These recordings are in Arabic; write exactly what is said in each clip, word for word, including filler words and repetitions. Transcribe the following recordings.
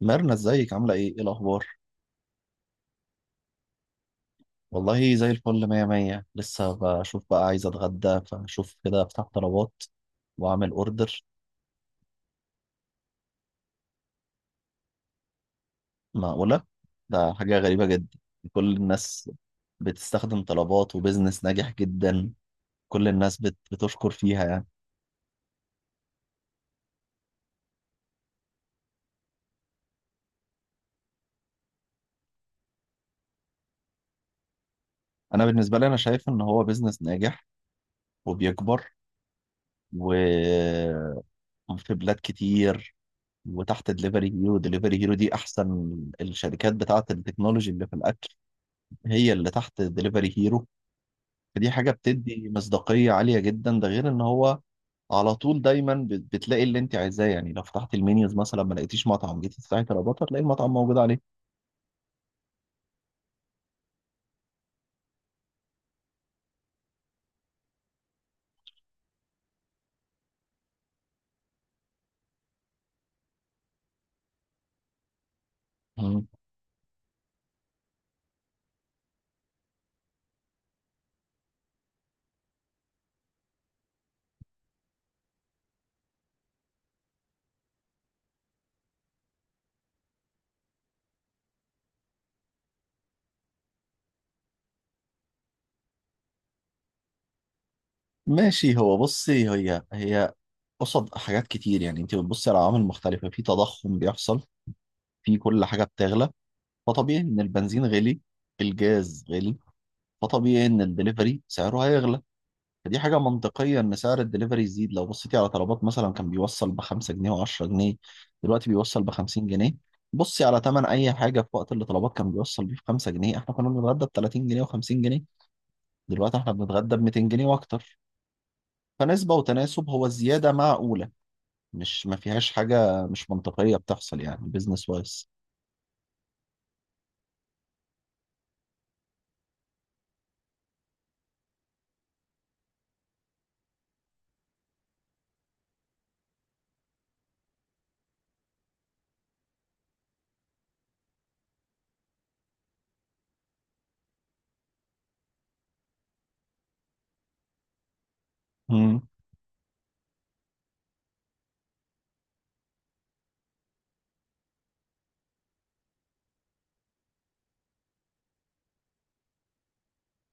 ميرنا، ازيك؟ عاملة ايه؟ ايه الأخبار؟ والله زي الفل، مية مية. لسه بشوف بقى، عايز أتغدى، فشوف كده أفتح طلبات وأعمل أوردر. معقولة؟ ده حاجة غريبة جدا. كل الناس بتستخدم طلبات، وبزنس ناجح جدا. كل الناس بت... بتشكر فيها يعني. أنا بالنسبة لي، أنا شايف إن هو بزنس ناجح وبيكبر، وفي بلاد كتير. وتحت دليفري هيرو، دليفري هيرو دي أحسن الشركات بتاعة التكنولوجي اللي في الأكل، هي اللي تحت دليفري هيرو. فدي حاجة بتدي مصداقية عالية جدا، ده غير ان هو على طول دايما بت- بتلاقي اللي انت عايزاه. يعني لو فتحت المنيوز مثلا ما لقيتيش مطعم، جيتي تفتحي طلبات هتلاقي المطعم موجود عليه. مم. ماشي. هو بصي، هي هي قصد حاجات كتير. يعني انت بتبصي على عوامل مختلفة، في تضخم بيحصل، في كل حاجة بتغلى. فطبيعي ان البنزين غلي، الجاز غلي، فطبيعي ان الدليفري سعره هيغلى. فدي حاجة منطقية إن سعر الدليفري يزيد. لو بصيتي على طلبات، مثلا كان بيوصل بخمسة جنيه وعشرة جنيه، دلوقتي بيوصل بخمسين جنيه. بصي على تمن أي حاجة، في وقت اللي طلبات كان بيوصل بيه بخمسة جنيه، إحنا كنا بنتغدى بتلاتين جنيه وخمسين جنيه، دلوقتي إحنا بنتغدى بميتين جنيه وأكتر. فنسبة وتناسب، هو الزيادة معقولة. مش، ما فيهاش حاجة مش منطقية بتحصل يعني، بيزنس وايز.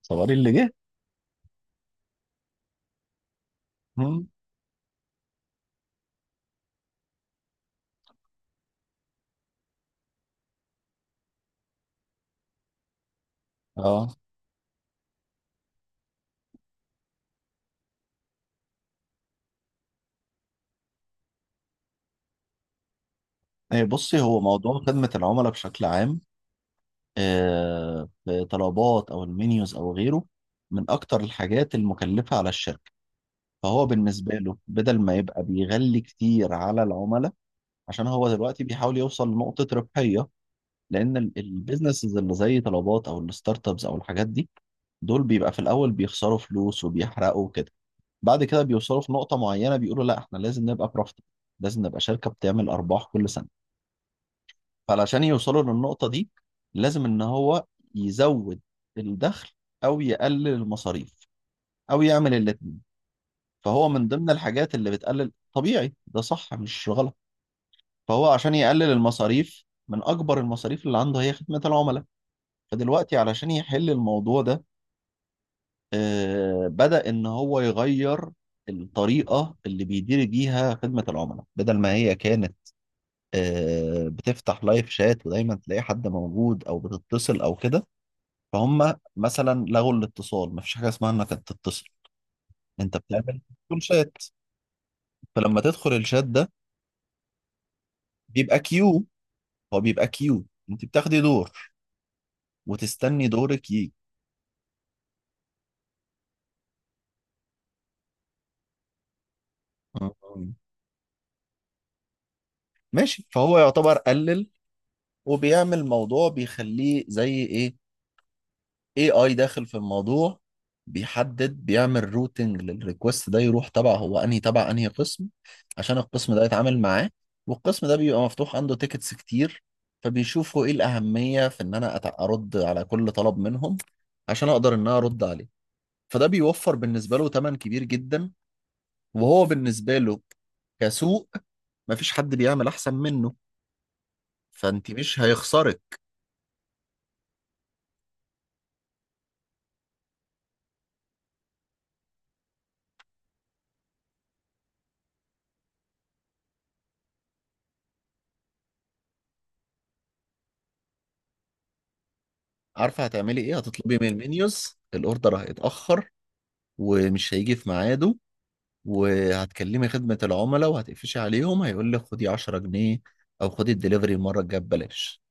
صوري اللي جه. مم. اه. إيه، بصي، هو موضوع خدمة العملاء بشكل عام، آه، في طلبات او المنيوز او غيره، من اكتر الحاجات المكلفه على الشركه. فهو بالنسبه له، بدل ما يبقى بيغلي كتير على العملاء، عشان هو دلوقتي بيحاول يوصل لنقطه ربحيه. لان البيزنسز اللي زي طلبات او الستارت ابس او الحاجات دي، دول بيبقى في الاول بيخسروا فلوس وبيحرقوا وكده، بعد كده بيوصلوا في نقطه معينه بيقولوا لا، احنا لازم نبقى بروفيت، لازم نبقى شركه بتعمل ارباح كل سنه. فعلشان يوصلوا للنقطة دي لازم إن هو يزود الدخل، أو يقلل المصاريف، أو يعمل الاتنين. فهو من ضمن الحاجات اللي بتقلل، طبيعي ده صح مش غلط. فهو عشان يقلل المصاريف، من أكبر المصاريف اللي عنده هي خدمة العملاء. فدلوقتي علشان يحل الموضوع ده، آه، بدأ إن هو يغير الطريقة اللي بيدير بيها خدمة العملاء. بدل ما هي كانت، آه، بتفتح لايف شات ودايما تلاقي حد موجود أو بتتصل أو كده، فهم مثلا لغوا الاتصال، مفيش حاجه اسمها انك تتصل. انت بتعمل كل شات، فلما تدخل الشات ده بيبقى كيو. هو بيبقى كيو، انت بتاخدي دور وتستني دورك يجي. مم. ماشي، فهو يعتبر قلل. وبيعمل موضوع بيخليه زي ايه، إيه، اي داخل في الموضوع. بيحدد، بيعمل روتنج للريكوست ده، يروح تبع هو انهي، تبع انهي قسم، عشان القسم ده يتعامل معاه. والقسم ده بيبقى مفتوح عنده تيكتس كتير، فبيشوفوا ايه الأهمية في ان انا أت- ارد على كل طلب منهم عشان اقدر ان انا ارد عليه. فده بيوفر بالنسبة له تمن كبير جدا. وهو بالنسبة له، كسوق، مفيش حد بيعمل احسن منه، فانت مش هيخسرك. عارفة هتعملي ايه؟ هتطلبي من المنيوز، الاوردر هيتأخر ومش هيجي في ميعاده، وهتكلمي خدمة العملاء وهتقفشي عليهم، هيقول لك خدي عشرة جنيه او خدي الدليفري المرة الجاية ببلاش.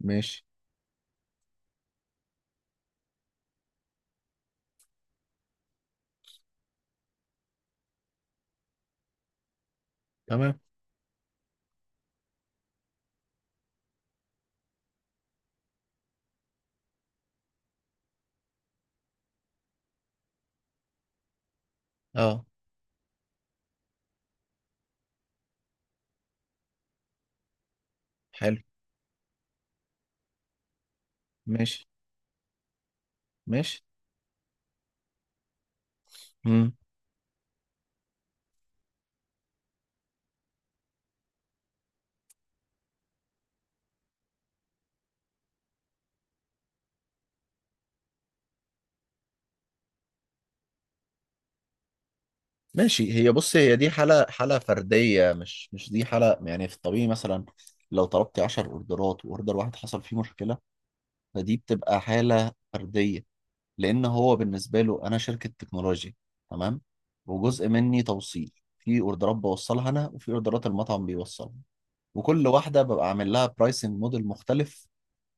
ماشي. تمام. اه. حلو. ماشي. ماشي. مم. ماشي، هي بص، هي دي حالة، حالة فردية، مش مش دي حالة يعني في الطبيعي. مثلا لو طلبتي 10 اوردرات، واوردر واحد حصل فيه مشكلة، فدي بتبقى حالة فردية. لان هو بالنسبة له انا شركة تكنولوجيا، تمام، وجزء مني توصيل. في اوردرات بوصلها انا، وفي اوردرات المطعم بيوصلها، وكل واحدة ببقى عامل لها برايسنج موديل مختلف.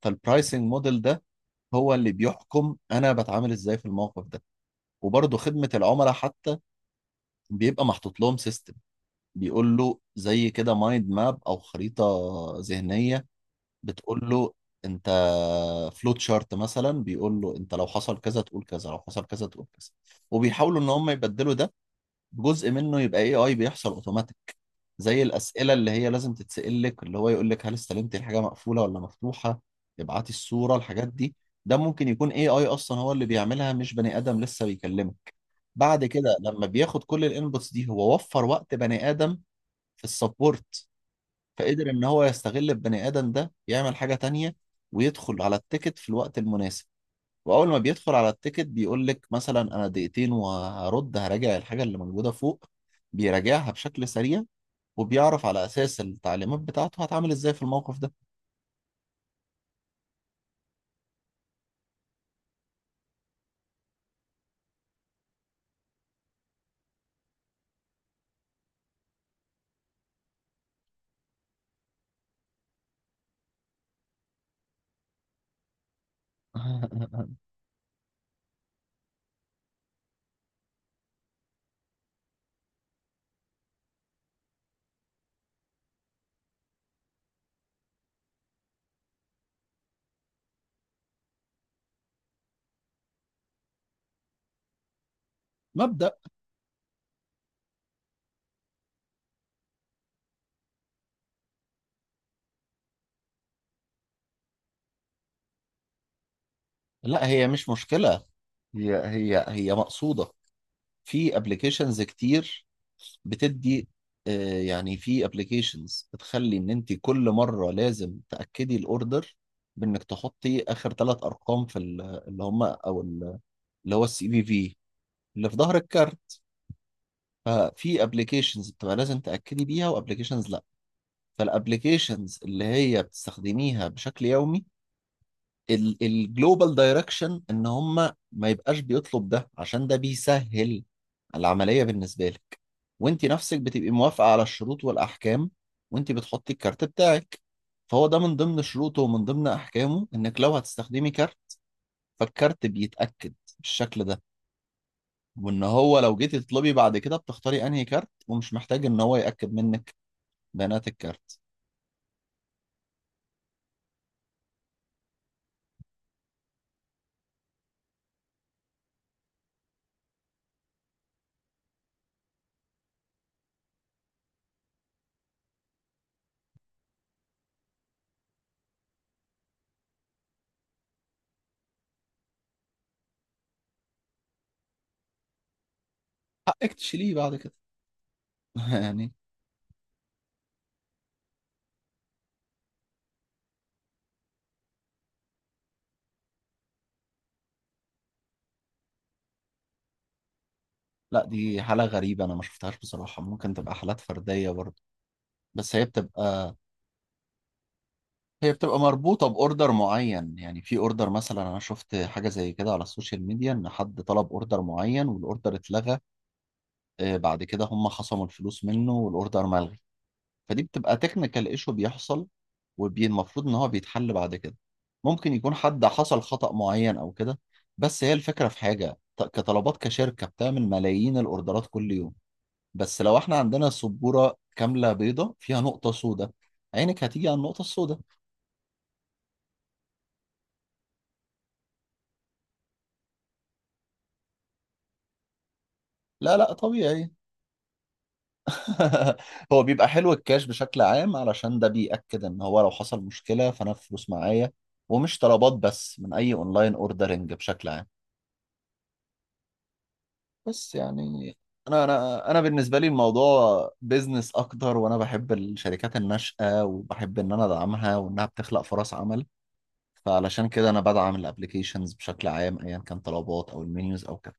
فالبرايسنج موديل ده هو اللي بيحكم انا بتعامل ازاي في الموقف ده. وبرضه خدمة العملاء حتى بيبقى محطوط لهم سيستم، بيقول له زي كده مايند ماب او خريطة ذهنية، بتقول له انت، فلوت شارت مثلا بيقول له انت لو حصل كذا تقول كذا، لو حصل كذا تقول كذا. وبيحاولوا ان هم يبدلوا ده، جزء منه يبقى اي اي بيحصل اوتوماتيك، زي الاسئله اللي هي لازم تتسال لك، اللي هو يقول لك هل استلمت الحاجه مقفوله ولا مفتوحه، ابعتي الصوره، الحاجات دي. ده ممكن يكون اي اي اصلا هو اللي بيعملها، مش بني ادم لسه بيكلمك. بعد كده لما بياخد كل الانبوتس دي، هو وفر وقت بني ادم في السبورت، فقدر ان هو يستغل البني ادم ده يعمل حاجه تانية، ويدخل على التيكت في الوقت المناسب. واول ما بيدخل على التيكت بيقول لك مثلا انا دقيقتين وهرد، هراجع الحاجه اللي موجوده فوق، بيراجعها بشكل سريع، وبيعرف على اساس التعليمات بتاعته هتعامل ازاي في الموقف ده. مبدأ. لا، هي مش مشكله، هي هي هي مقصوده. في ابلكيشنز كتير بتدي، آه، يعني في ابلكيشنز بتخلي ان انت كل مره لازم تاكدي الاوردر، بانك تحطي اخر ثلاث ارقام في ال- اللي هم، او ال- اللي هو السي في في، اللي في ظهر الكارت. ففي ابلكيشنز بتبقى لازم تاكدي بيها، وابلكيشنز لا. فالابلكيشنز اللي هي بتستخدميها بشكل يومي، الجلوبال دايركشن ان هم ما يبقاش بيطلب ده، عشان ده بيسهل العمليه بالنسبه لك، وانت نفسك بتبقي موافقه على الشروط والاحكام، وانت بتحطي الكارت بتاعك. فهو ده من ضمن شروطه ومن ضمن احكامه انك لو هتستخدمي كارت، فالكارت بيتاكد بالشكل ده. وان هو لو جيتي تطلبي بعد كده بتختاري انهي كارت، ومش محتاج ان هو ياكد منك بيانات الكارت. حقك تشيليه بعد كده. يعني لا، دي حالة غريبة، أنا ما شفتهاش بصراحة. ممكن تبقى حالات فردية برضه، بس هي بتبقى، هي بتبقى مربوطة بأوردر معين. يعني في أوردر، مثلا أنا شفت حاجة زي كده على السوشيال ميديا، إن حد طلب أوردر معين والأوردر اتلغى، آه، بعد كده هم خصموا الفلوس منه والأوردر ملغي. فدي بتبقى تكنيكال ايشو بيحصل، والمفروض ان هو بيتحل بعد كده، ممكن يكون حد حصل خطأ معين او كده. بس هي الفكرة، في حاجة ط- كطلبات، كشركة بتعمل ملايين الاوردرات كل يوم، بس لو احنا عندنا سبورة كاملة بيضة فيها نقطة سوداء، عينك هتيجي على النقطة السوداء. لا لا، طبيعي. هو بيبقى حلو الكاش بشكل عام، علشان ده بيأكد ان هو لو حصل مشكلة فانا الفلوس معايا، ومش طلبات بس، من اي اونلاين اوردرنج بشكل عام. بس يعني انا انا انا بالنسبه لي الموضوع بيزنس اكتر، وانا بحب الشركات الناشئه، وبحب ان انا ادعمها، وانها بتخلق فرص عمل. فعلشان كده انا بدعم الابليكيشنز بشكل عام، ايا كان طلبات او المنيوز او كده.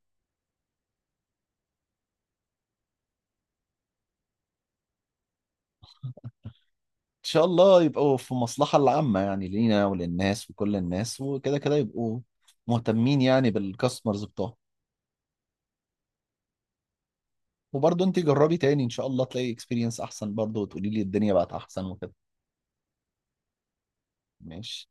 ان شاء الله يبقوا في المصلحه العامه يعني، لينا وللناس وكل الناس، وكده كده يبقوا مهتمين يعني بالكاستمرز بتوعهم. وبرضه انت جربي تاني، ان شاء الله تلاقي اكسبيرينس احسن برضه، وتقولي لي الدنيا بقت احسن وكده. ماشي.